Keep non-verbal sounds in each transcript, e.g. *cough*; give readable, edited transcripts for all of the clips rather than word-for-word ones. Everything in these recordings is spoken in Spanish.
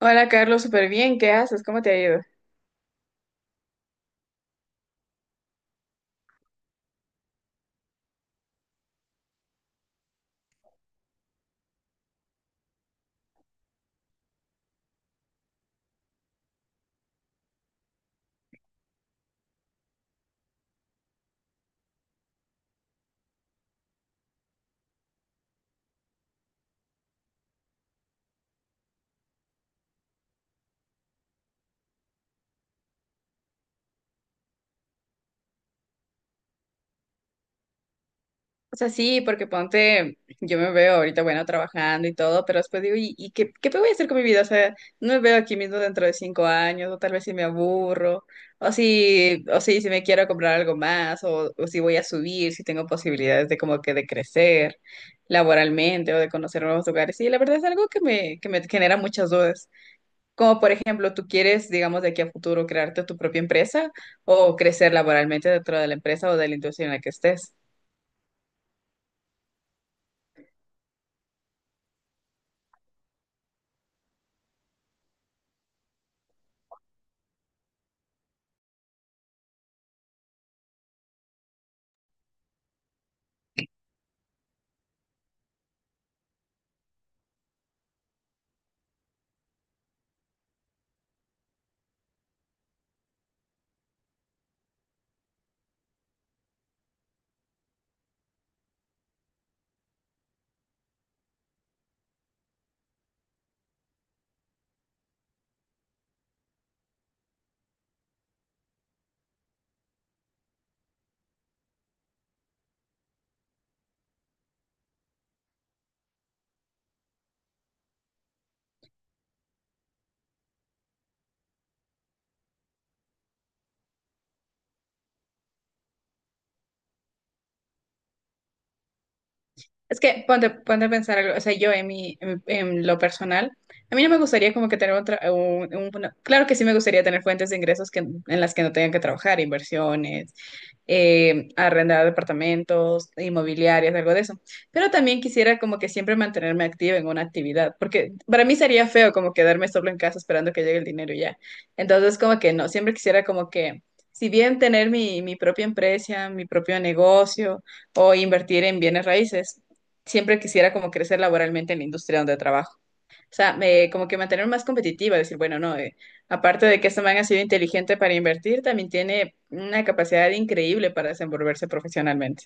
Hola Carlos, súper bien, ¿qué haces? ¿Cómo te ha ido? O sea, sí, porque ponte, yo me veo ahorita, bueno, trabajando y todo, pero después digo, ¿y qué voy a hacer con mi vida? O sea, no me veo aquí mismo dentro de 5 años, o tal vez si me aburro, o si me quiero comprar algo más, o si voy a subir, si tengo posibilidades de como que de crecer laboralmente o de conocer nuevos lugares. Sí, la verdad es algo que me genera muchas dudas. Como por ejemplo, tú quieres, digamos, de aquí a futuro crearte tu propia empresa o crecer laboralmente dentro de la empresa o de la industria en la que estés. Es que ponte, ponte a pensar algo, o sea, yo en lo personal, a mí no me gustaría como que tener otra, claro que sí me gustaría tener fuentes de ingresos que, en las que no tengan que trabajar, inversiones, arrendar departamentos, inmobiliarias, algo de eso. Pero también quisiera como que siempre mantenerme activa en una actividad, porque para mí sería feo como quedarme solo en casa esperando que llegue el dinero y ya. Entonces como que no, siempre quisiera como que, si bien tener mi propia empresa, mi propio negocio o invertir en bienes raíces siempre quisiera como crecer laboralmente en la industria donde trabajo. O sea, me, como que mantener más competitiva, decir, bueno, no, aparte de que este man ha sido inteligente para invertir, también tiene una capacidad increíble para desenvolverse profesionalmente.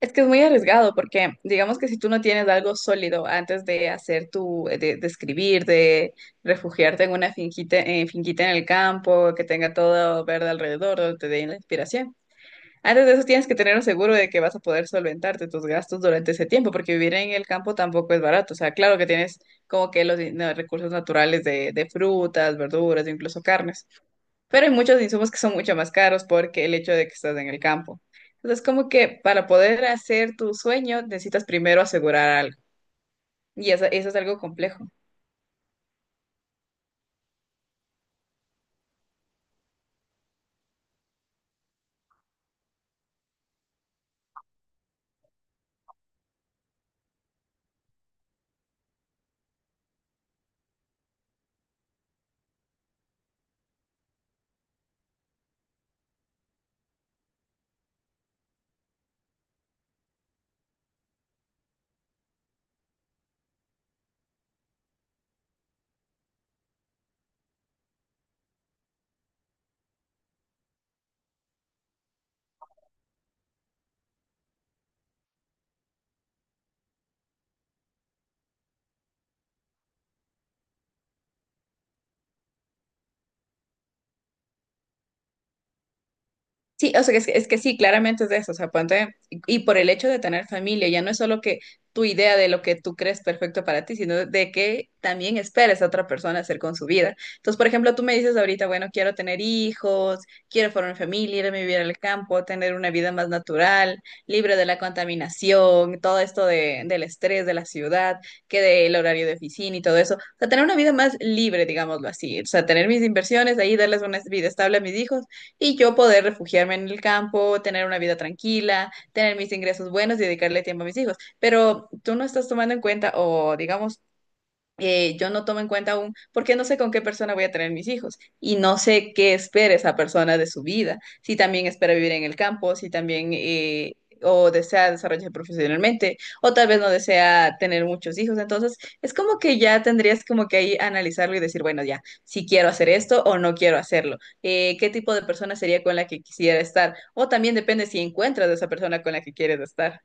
Es que es muy arriesgado porque digamos que si tú no tienes algo sólido antes de hacer de escribir, de refugiarte en una finquita en el campo, que tenga todo verde alrededor, donde te dé la inspiración. Antes de eso tienes que tener un seguro de que vas a poder solventarte tus gastos durante ese tiempo, porque vivir en el campo tampoco es barato. O sea, claro que tienes como que los no, recursos naturales de frutas, verduras, incluso carnes, pero hay muchos insumos que son mucho más caros porque el hecho de que estás en el campo. Entonces, como que para poder hacer tu sueño necesitas primero asegurar algo, y eso es algo complejo. Sí, o sea, es que sí, claramente es de eso, o sea, ponte, y por el hecho de tener familia, ya no es solo que tu idea de lo que tú crees perfecto para ti, sino de que también esperes a otra persona hacer con su vida. Entonces, por ejemplo, tú me dices ahorita, bueno, quiero tener hijos, quiero formar familia, irme a vivir al campo, tener una vida más natural, libre de la contaminación, todo esto de, del estrés de la ciudad, que del horario de oficina y todo eso. O sea, tener una vida más libre, digámoslo así. O sea, tener mis inversiones, ahí darles una vida estable a mis hijos y yo poder refugiarme en el campo, tener una vida tranquila, tener mis ingresos buenos y dedicarle tiempo a mis hijos. Pero tú no estás tomando en cuenta, o digamos, yo no tomo en cuenta aún, porque no sé con qué persona voy a tener mis hijos y no sé qué espera esa persona de su vida, si también espera vivir en el campo, si también o desea desarrollarse profesionalmente, o tal vez no desea tener muchos hijos. Entonces, es como que ya tendrías como que ahí analizarlo y decir, bueno, ya, si quiero hacer esto o no quiero hacerlo. Qué tipo de persona sería con la que quisiera estar, o también depende si encuentras a esa persona con la que quieres estar.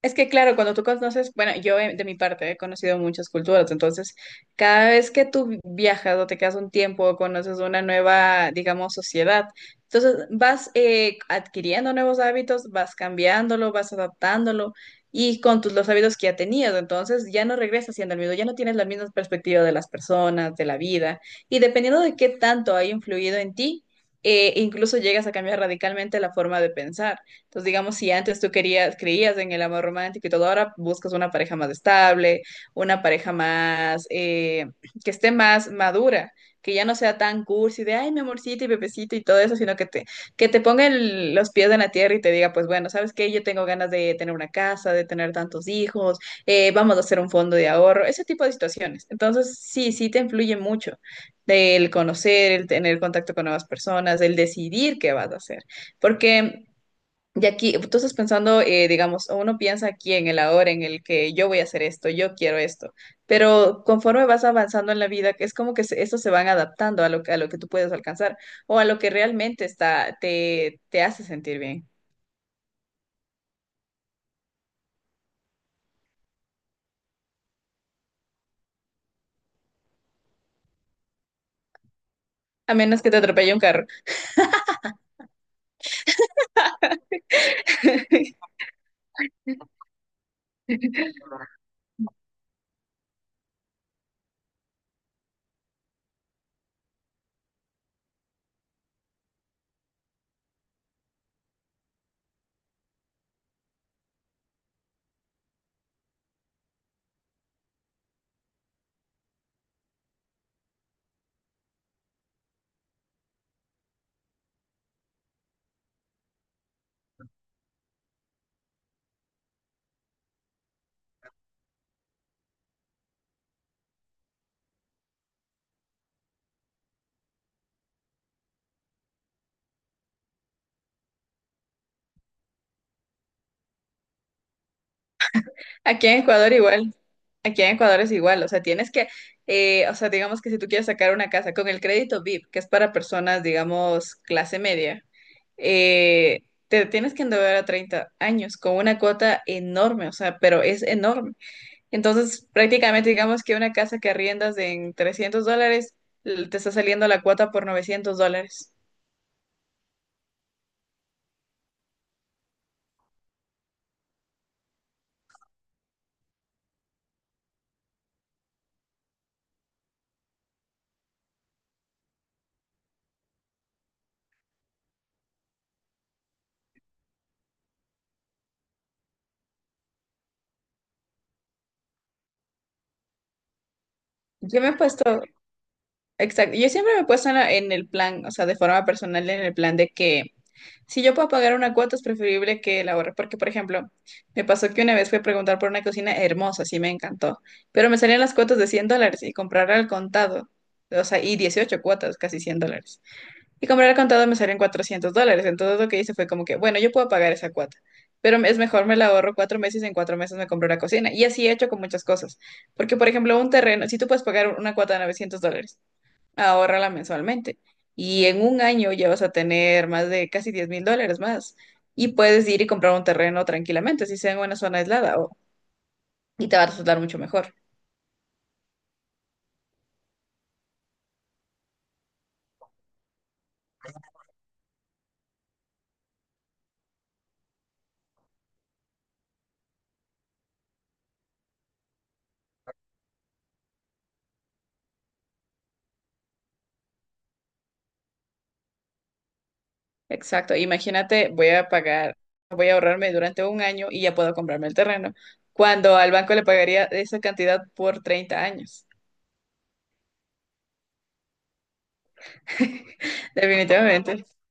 Es que claro, cuando tú conoces, bueno, yo de mi parte he conocido muchas culturas, entonces cada vez que tú viajas o te quedas un tiempo o conoces una nueva, digamos, sociedad, entonces vas adquiriendo nuevos hábitos, vas cambiándolo, vas adaptándolo y con los hábitos que ya tenías, entonces ya no regresas siendo el mismo, ya no tienes la misma perspectiva de las personas, de la vida y dependiendo de qué tanto ha influido en ti, incluso llegas a cambiar radicalmente la forma de pensar. Entonces, digamos, si antes tú querías, creías en el amor romántico y todo, ahora buscas una pareja más estable, una pareja más, que esté más madura, que ya no sea tan cursi de, ay, mi amorcito y bebecito y todo eso, sino que te ponga los pies en la tierra y te diga, pues bueno, ¿sabes qué? Yo tengo ganas de tener una casa, de tener tantos hijos, vamos a hacer un fondo de ahorro, ese tipo de situaciones. Entonces, sí, sí te influye mucho del conocer, el tener contacto con nuevas personas, el decidir qué vas a hacer. Porque, y aquí, tú estás pensando, digamos, uno piensa aquí en el ahora, en el que yo voy a hacer esto, yo quiero esto, pero conforme vas avanzando en la vida, es como que estos se van adaptando a lo, a lo que tú puedes alcanzar o a lo que realmente está, te hace sentir bien, a menos que te atropelle un carro. *laughs* Aquí en Ecuador igual. Aquí en Ecuador es igual, o sea, tienes que, o sea, digamos que si tú quieres sacar una casa con el crédito VIP, que es para personas, digamos, clase media, eh, te tienes que endeudar a 30 años con una cuota enorme, o sea, pero es enorme. Entonces, prácticamente digamos que una casa que arriendas en $300, te está saliendo la cuota por $900. Yo me he puesto. Exacto. Yo siempre me he puesto en, en el plan, o sea, de forma personal, en el plan de que si yo puedo pagar una cuota es preferible que la ahorre. Porque, por ejemplo, me pasó que una vez fui a preguntar por una cocina hermosa, sí me encantó, pero me salían las cuotas de $100 y comprar al contado, o sea, y 18 cuotas, casi $100. Y comprar al contado me salían $400. Entonces lo que hice fue como que, bueno, yo puedo pagar esa cuota. Pero es mejor me la ahorro 4 meses, en 4 meses me compro una cocina. Y así he hecho con muchas cosas. Porque, por ejemplo, un terreno, si tú puedes pagar una cuota de $900, ahórrala mensualmente. Y en un año ya vas a tener más de casi $10,000 más. Y puedes ir y comprar un terreno tranquilamente, si sea en una zona aislada, y te va a resultar mucho mejor. Exacto. Imagínate, voy a pagar, voy a ahorrarme durante un año y ya puedo comprarme el terreno, cuando al banco le pagaría esa cantidad por 30 años. Definitivamente. *laughs*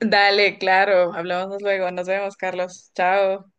Dale, claro. Hablamos luego. Nos vemos, Carlos. Chao.